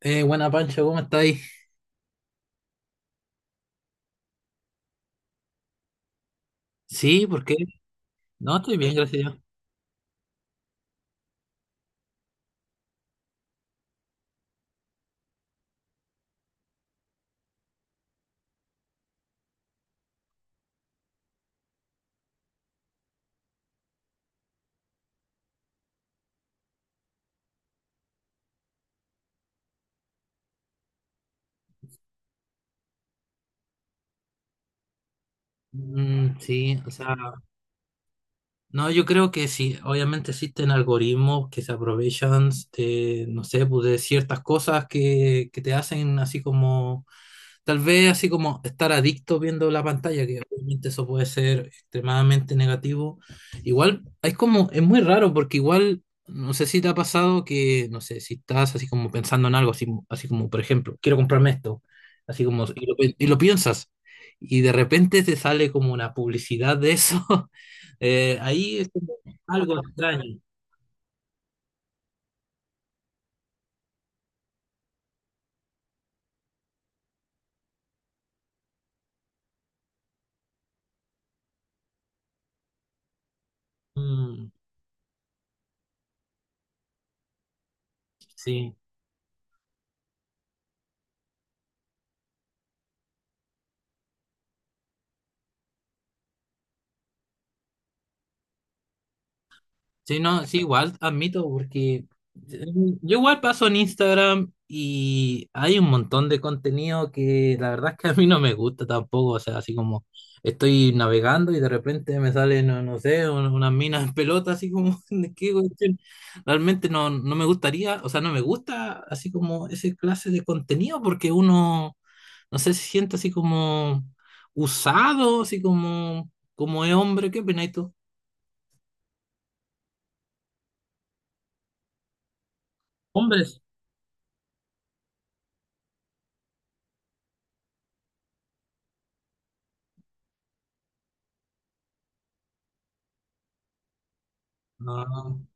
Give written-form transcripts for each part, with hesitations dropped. Buena Pancho, ¿cómo estáis? Sí, ¿por qué? No, estoy bien, gracias a Dios. Mm, sí, o sea, no, yo creo que sí, obviamente existen algoritmos que se aprovechan de, no sé, pues de ciertas cosas que te hacen así como tal vez así como estar adicto viendo la pantalla, que obviamente eso puede ser extremadamente negativo. Igual, es como, es muy raro porque igual, no sé si te ha pasado que, no sé, si estás así como pensando en algo, así, así como, por ejemplo, quiero comprarme esto, así como, y lo, y lo piensas, y de repente te sale como una publicidad de eso. Ahí es como algo extraño. Mm, sí. Sí, no, sí, igual admito, porque mm, yo igual paso en Instagram y hay un montón de contenido que la verdad es que a mí no me gusta tampoco, o sea, así como estoy navegando y de repente me salen, no, no sé, unas minas en pelota, así como, ¿de qué cuestión? Realmente no, no me gustaría, o sea, no me gusta así como ese clase de contenido porque uno, no sé, se siente así como usado, así como, como es hombre, ¿qué opinas tú? Hombres. No,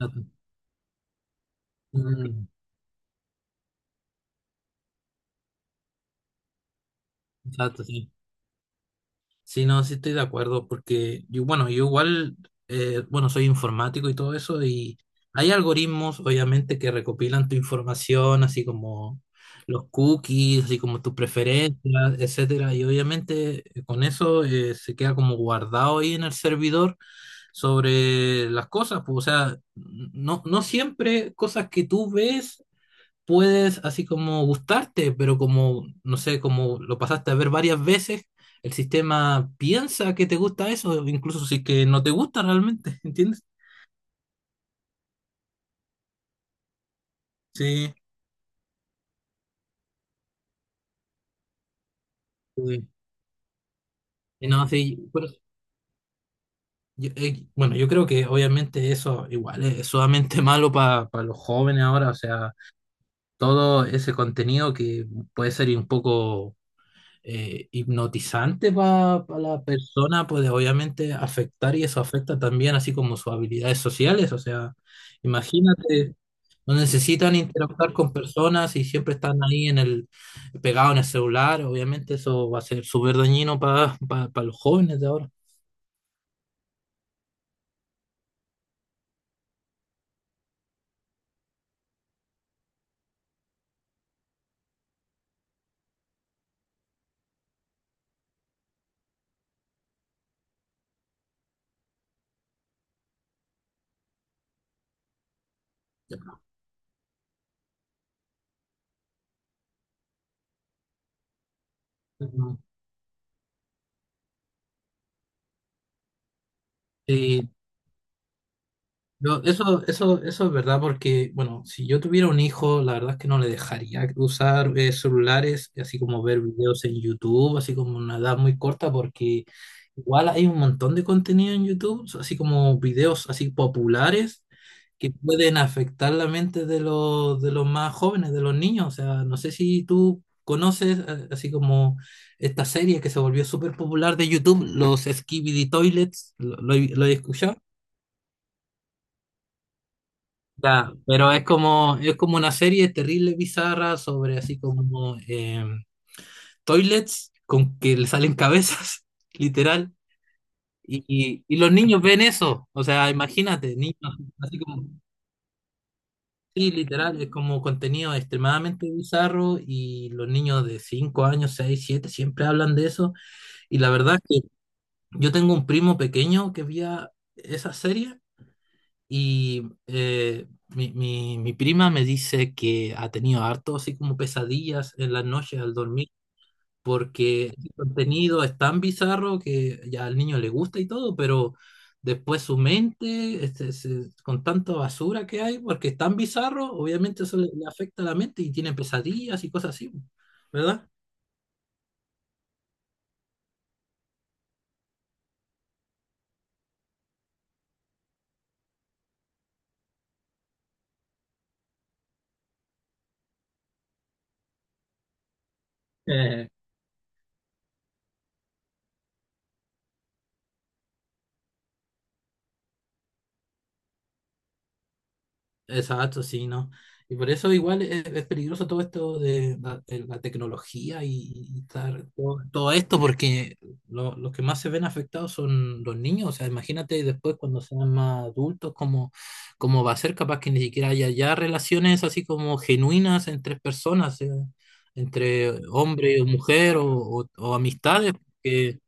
no, mm, exacto, sí. Sí, no, sí estoy de acuerdo, porque yo, bueno, yo igual, bueno, soy informático y todo eso, y hay algoritmos, obviamente, que recopilan tu información, así como los cookies, así como tus preferencias, etcétera, y obviamente con eso se queda como guardado ahí en el servidor sobre las cosas, pues, o sea, no, no siempre cosas que tú ves puedes así como gustarte, pero como, no sé, como lo pasaste a ver varias veces, el sistema piensa que te gusta eso, incluso si es que no te gusta realmente. ¿Entiendes? Sí. Sí. Y no, sí, bueno, yo, bueno, yo creo que obviamente eso igual es sumamente malo para los jóvenes ahora, o sea, todo ese contenido que puede ser un poco hipnotizante para la persona puede obviamente afectar y eso afecta también así como sus habilidades sociales. O sea, imagínate, no necesitan interactuar con personas y siempre están ahí en el, pegado en el celular. Obviamente eso va a ser súper dañino para los jóvenes de ahora. Ujú. Sí, no, eso es verdad porque, bueno, si yo tuviera un hijo, la verdad es que no le dejaría usar celulares, así como ver videos en YouTube, así como una edad muy corta, porque igual hay un montón de contenido en YouTube, so, así como videos así populares que pueden afectar la mente de los más jóvenes, de los niños. O sea, no sé si tú conoces así como esta serie que se volvió súper popular de YouTube, los Skibidi Toilets, ¿ lo has escuchado? Ya, pero es como una serie terrible, bizarra, sobre así como toilets con que le salen cabezas, literal. Y los niños ven eso, o sea, imagínate, niños así como, sí, literal, es como contenido extremadamente bizarro y los niños de 5 años, 6 7 siempre hablan de eso. Y la verdad es que yo tengo un primo pequeño que veía esa serie y mi prima me dice que ha tenido harto así como pesadillas en las noches al dormir, porque el contenido es tan bizarro que ya al niño le gusta y todo, pero después su mente, este, con tanta basura que hay, porque es tan bizarro, obviamente eso le, le afecta a la mente y tiene pesadillas y cosas así, ¿verdad? Exacto, sí, ¿no? Y por eso igual es peligroso todo esto de la tecnología y todo, todo esto, porque los que más se ven afectados son los niños. O sea, imagínate después cuando sean más adultos, cómo, cómo va a ser, capaz que ni siquiera haya ya relaciones así como genuinas entre personas, entre hombre o mujer o, o amistades. Que,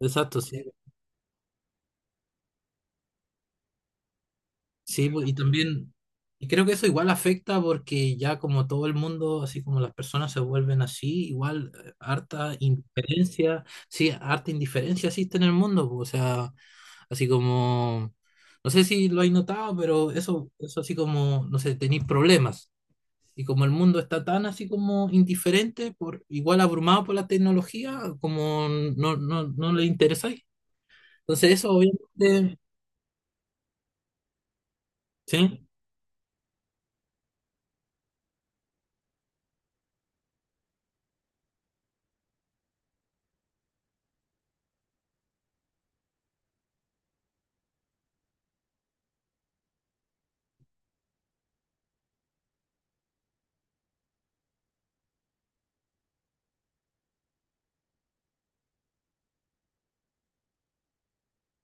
exacto, sí. Sí, pues, y también, y creo que eso igual afecta porque ya como todo el mundo, así como las personas se vuelven así, igual harta indiferencia, sí, harta indiferencia existe en el mundo, pues, o sea, así como, no sé si lo hay notado, pero eso así como, no sé, tenéis problemas. Y como el mundo está tan así como indiferente, por, igual abrumado por la tecnología, como no le interesáis. Entonces eso obviamente, sí,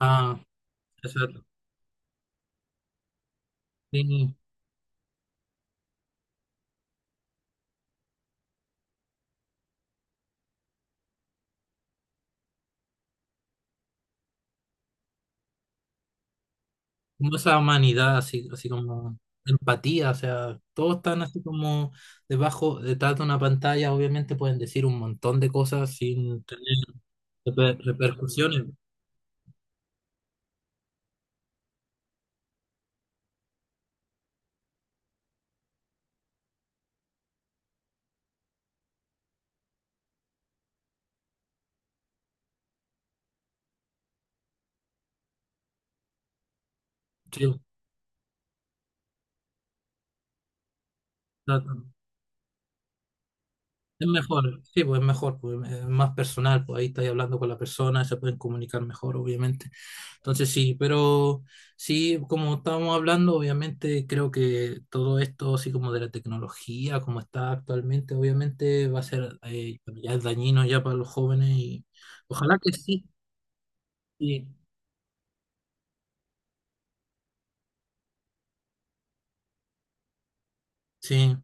ah, exacto. Sí. Como esa humanidad, así, así como empatía, o sea, todos están así como debajo, detrás de una pantalla, obviamente pueden decir un montón de cosas sin tener repercusiones. Sí, es mejor, sí, pues es mejor, pues es más personal, pues ahí estáis hablando con la persona, se pueden comunicar mejor, obviamente. Entonces sí, pero sí, como estábamos hablando, obviamente creo que todo esto, así como de la tecnología, como está actualmente, obviamente va a ser, ya es dañino ya para los jóvenes y ojalá que sí, sí, sí.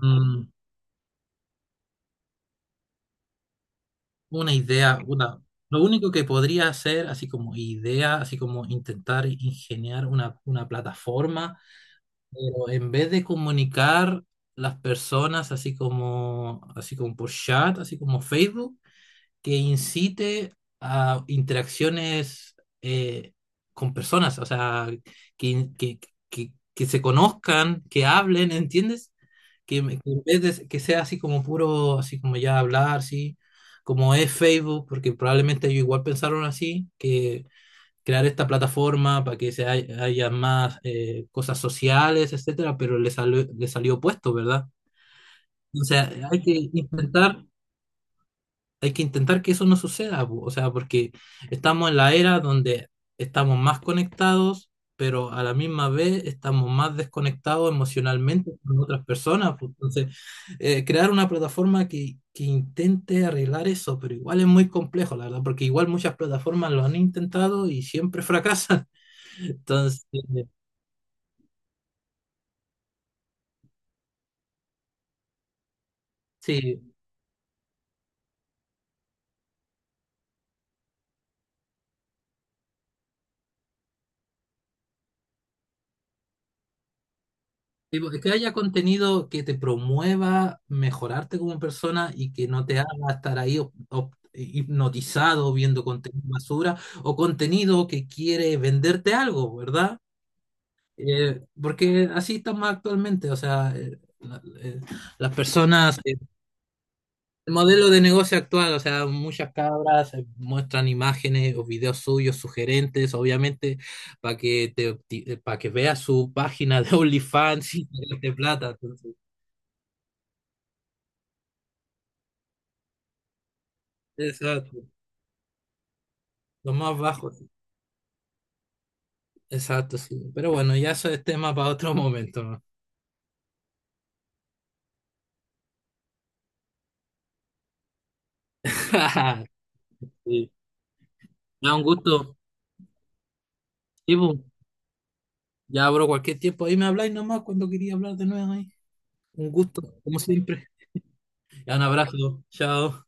Mm, una idea, una, lo único que podría hacer, así como idea, así como intentar ingeniar una plataforma. Pero en vez de comunicar las personas así como por chat, así como Facebook, que incite a interacciones eh, con personas, o sea, que, que, que se conozcan, que hablen, ¿entiendes? Que, que en vez de que sea así como puro, así como ya hablar, sí, como es Facebook, porque probablemente ellos igual pensaron así, que crear esta plataforma para que se haya más cosas sociales, etcétera, pero le salió opuesto, ¿verdad? O sea, hay que intentar que eso no suceda, po, o sea, porque estamos en la era donde estamos más conectados, pero a la misma vez estamos más desconectados emocionalmente con otras personas, po. Entonces, crear una plataforma que intente arreglar eso, pero igual es muy complejo, la verdad, porque igual muchas plataformas lo han intentado y siempre fracasan. Entonces, sí, tipo, que haya contenido que te promueva mejorarte como persona y que no te haga estar ahí hipnotizado viendo contenido basura o contenido que quiere venderte algo, ¿verdad? Porque así estamos actualmente, o sea, las personas el modelo de negocio actual, o sea, muchas cabras muestran imágenes o videos suyos sugerentes, obviamente, para que te para que veas su página de OnlyFans y te gaste plata. Entonces, exacto. Lo más bajo, sí, exacto, sí. Pero bueno, ya eso es tema para otro momento, ¿no? Sí. Ya, un gusto. Sí, bu. Ya abro cualquier tiempo. Ahí me habláis nomás cuando quería hablar de nuevo ahí. Un gusto, como siempre. Ya, un abrazo. Chao.